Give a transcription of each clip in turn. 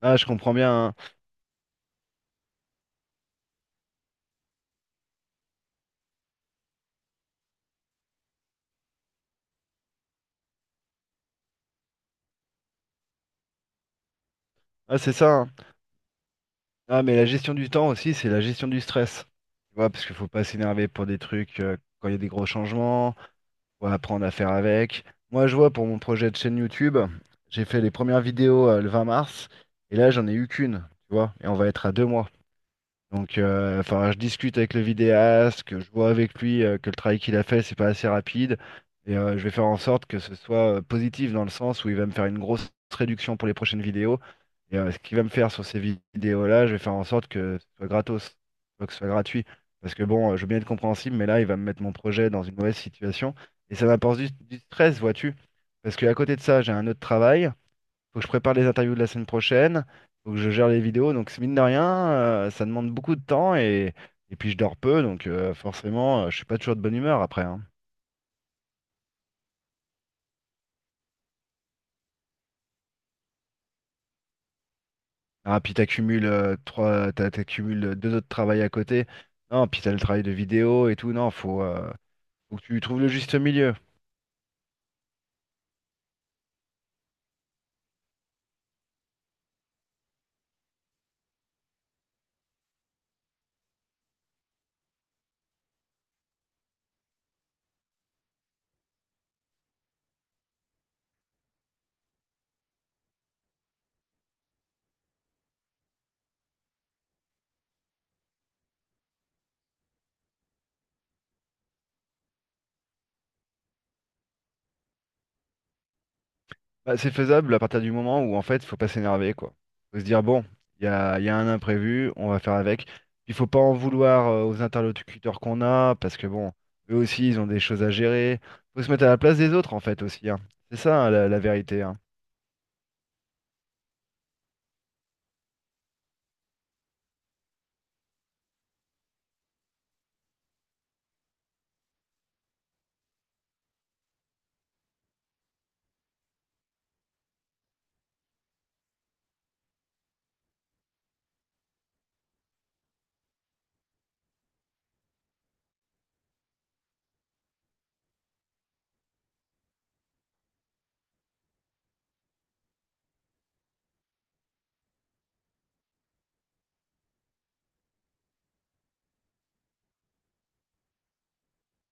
Ah, je comprends bien, hein. Ah, c'est ça, hein. Ah, mais la gestion du temps aussi, c'est la gestion du stress. Tu vois, parce qu'il faut pas s'énerver pour des trucs quand il y a des gros changements. Faut apprendre à faire avec. Moi, je vois pour mon projet de chaîne YouTube, j'ai fait les premières vidéos le 20 mars. Et là, j'en ai eu qu'une. Tu vois, et on va être à 2 mois. Donc, enfin, je discute avec le vidéaste, que je vois avec lui que le travail qu'il a fait, c'est pas assez rapide. Et je vais faire en sorte que ce soit positif dans le sens où il va me faire une grosse réduction pour les prochaines vidéos. Et ce qu'il va me faire sur ces vidéos-là, je vais faire en sorte que ce soit gratos, pas que ce soit gratuit. Parce que bon, je veux bien être compréhensible, mais là, il va me mettre mon projet dans une mauvaise situation. Et ça m'apporte du stress, vois-tu. Parce qu'à côté de ça, j'ai un autre travail. Faut que je prépare les interviews de la semaine prochaine. Faut que je gère les vidéos. Donc, mine de rien, ça demande beaucoup de temps et puis je dors peu. Donc, forcément, je suis pas toujours de bonne humeur après, hein. Ah, puis t'accumules t'accumules deux autres travails à côté. Non, puis t'as le travail de vidéo et tout. Non, faut que tu trouves le juste milieu. Bah, c'est faisable à partir du moment où en fait, faut pas s'énerver, quoi. Faut se dire bon, il y a un imprévu, on va faire avec. Il faut pas en vouloir aux interlocuteurs qu'on a, parce que bon, eux aussi, ils ont des choses à gérer. Faut se mettre à la place des autres en fait aussi, hein. C'est ça, hein, la vérité, hein.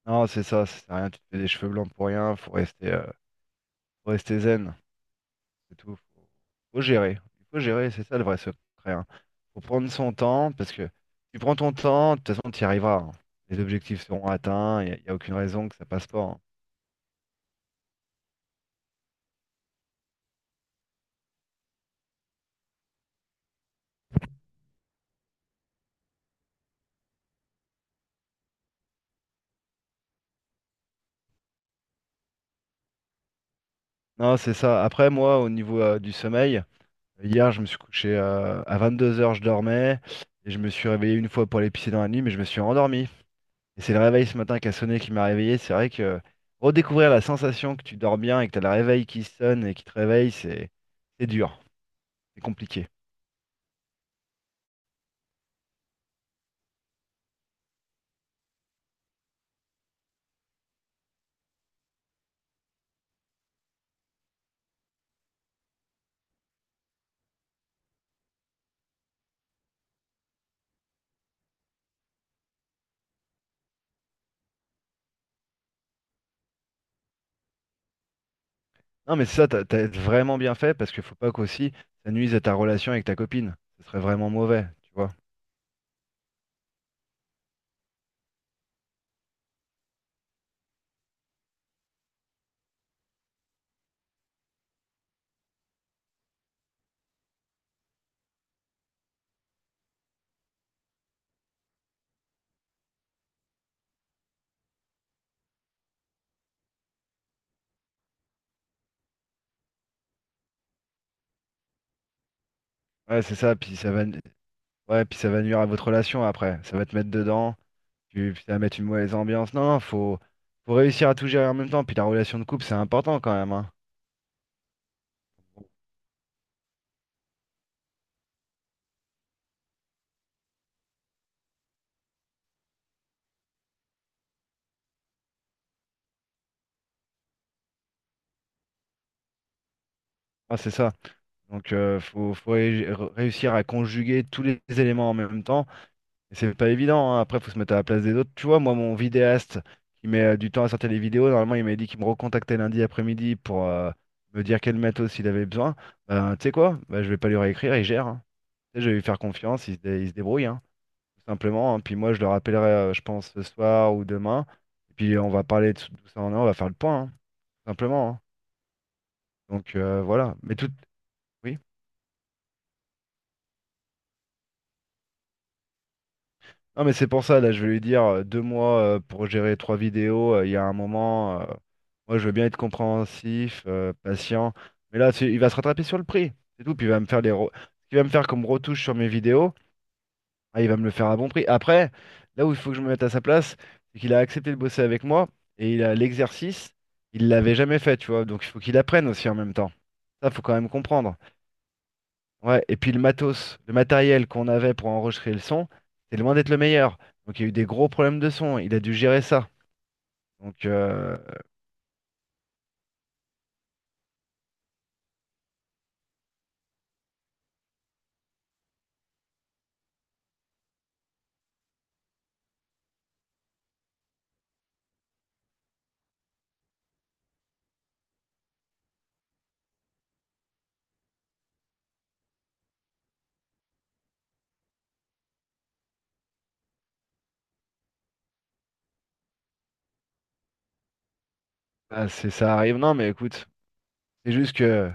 Non, c'est ça, ça sert à rien, tu te fais des cheveux blancs pour rien. Faut rester zen. C'est tout. Faut gérer. Il faut gérer, c'est ça le vrai secret, hein. Faut prendre son temps, parce que tu prends ton temps, de toute façon, tu y arriveras, hein. Les objectifs seront atteints, il n'y a aucune raison que ça passe pas, hein. Non, c'est ça. Après, moi, au niveau du sommeil, hier, je me suis couché à 22h, je dormais, et je me suis réveillé une fois pour aller pisser dans la nuit, mais je me suis endormi. Et c'est le réveil ce matin qui a sonné qui m'a réveillé. C'est vrai que redécouvrir la sensation que tu dors bien et que tu as le réveil qui sonne et qui te réveille, c'est dur, c'est compliqué. Non, mais ça, t'as vraiment bien fait parce qu'il faut pas qu'aussi ça nuise à ta relation avec ta copine. Ce serait vraiment mauvais, tu vois. Ouais, c'est ça. Puis ça va, nu- Ouais, puis ça va nuire à votre relation après. Ça va te mettre dedans. Puis ça va mettre une mauvaise ambiance. Non, non, faut réussir à tout gérer en même temps. Puis la relation de couple, c'est important quand même, hein. Ah, c'est ça. Donc, réussir à conjuguer tous les éléments en même temps. Et c'est pas évident, hein. Après, faut se mettre à la place des autres. Tu vois, moi, mon vidéaste qui met du temps à sortir les vidéos, normalement, il m'a dit qu'il me recontactait lundi après-midi pour me dire quel matos il avait besoin. Ben, tu sais quoi? Ben, je vais pas lui réécrire, il gère, hein. Tu sais, je vais lui faire confiance, il se débrouille, hein, tout simplement, hein. Puis moi, je le rappellerai, je pense, ce soir ou demain. Et puis, on va parler de tout ça en un, on va faire le point, hein, tout simplement, hein. Donc, voilà. Mais tout. Oui. Non, mais c'est pour ça, là, je vais lui dire 2 mois pour gérer trois vidéos. Il y a un moment, moi, je veux bien être compréhensif, patient. Mais là, il va se rattraper sur le prix. C'est tout. Puis il va me faire ce qu'il va me faire comme retouche sur mes vidéos. Ah, il va me le faire à bon prix. Après, là où il faut que je me mette à sa place, c'est qu'il a accepté de bosser avec moi et il a l'exercice, il l'avait jamais fait, tu vois. Donc il faut qu'il apprenne aussi en même temps. Ça, faut quand même comprendre. Ouais, et puis le matos, le matériel qu'on avait pour enregistrer le son, c'est loin d'être le meilleur. Donc il y a eu des gros problèmes de son, il a dû gérer ça. Donc. Ah, c'est ça arrive. Non, mais écoute, c'est juste que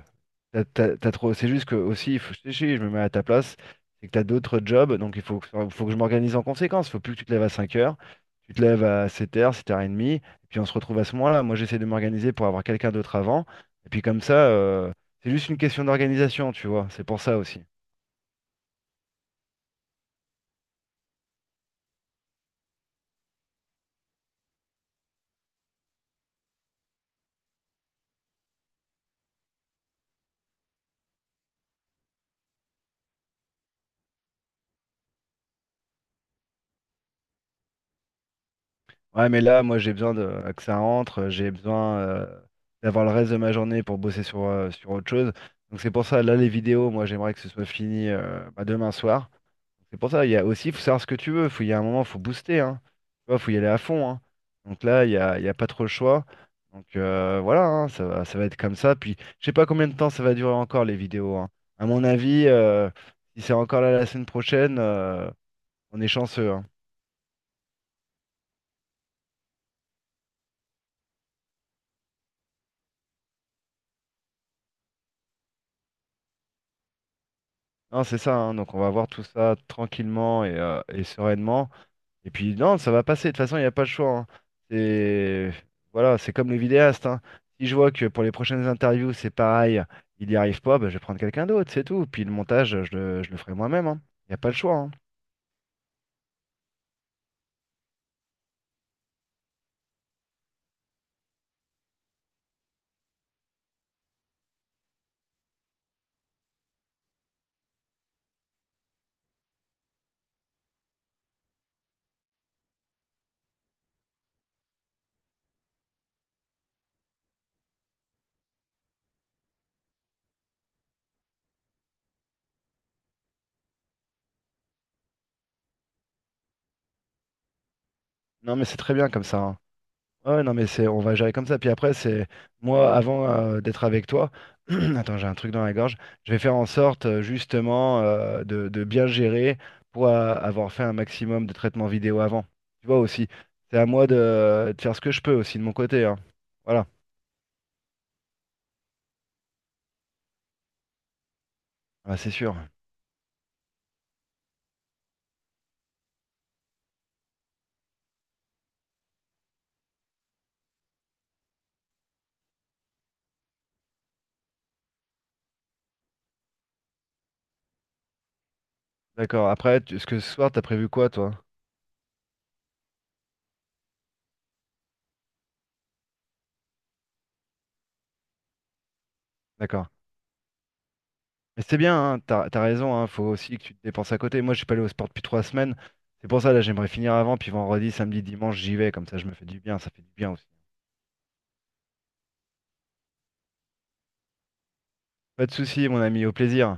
t'as trop, c'est juste que aussi, je me mets à ta place, c'est que t'as d'autres jobs, donc faut que je m'organise en conséquence. Faut plus que tu te lèves à 5 heures, tu te lèves à 7 heures, 7h30, et puis on se retrouve à ce moment-là. Moi j'essaie de m'organiser pour avoir quelqu'un d'autre avant, et puis comme ça, c'est juste une question d'organisation, tu vois, c'est pour ça aussi. Ouais, mais là, moi, j'ai besoin de, que ça rentre, j'ai besoin d'avoir le reste de ma journée pour bosser sur autre chose. Donc c'est pour ça, là, les vidéos, moi, j'aimerais que ce soit fini bah, demain soir. C'est pour ça, il y a aussi, il faut savoir ce que tu veux. Il y a un moment, il faut booster, hein. Tu vois, faut y aller à fond, hein. Donc là, il y a pas trop le choix. Donc voilà, hein, ça va être comme ça. Puis, je sais pas combien de temps ça va durer encore, les vidéos, hein. À mon avis, si c'est encore là la semaine prochaine, on est chanceux, hein. Non, c'est ça, hein. Donc on va voir tout ça tranquillement et sereinement. Et puis non, ça va passer, de toute façon, il n'y a pas le choix, hein. C'est voilà, c'est comme les vidéastes, hein. Si je vois que pour les prochaines interviews, c'est pareil, il n'y arrive pas, bah, je vais prendre quelqu'un d'autre, c'est tout. Puis le montage, je le ferai moi-même, hein. Il n'y a pas le choix, hein. Non, mais c'est très bien comme ça, hein. Ouais, non, mais on va gérer comme ça. Puis après, c'est moi, avant d'être avec toi, attends, j'ai un truc dans la gorge. Je vais faire en sorte, justement, de bien gérer pour avoir fait un maximum de traitements vidéo avant. Tu vois aussi, c'est à moi de faire ce que je peux aussi de mon côté, hein. Voilà. Ah, c'est sûr. D'accord. Après, ce que ce soir, t'as prévu quoi, toi? D'accord. Mais c'est bien, hein, t'as raison, hein, faut aussi que tu te dépenses à côté. Moi, je suis pas allé au sport depuis 3 semaines. C'est pour ça, là, j'aimerais finir avant, puis vendredi, samedi, dimanche, j'y vais. Comme ça, je me fais du bien, ça fait du bien aussi. Pas de souci, mon ami, au plaisir.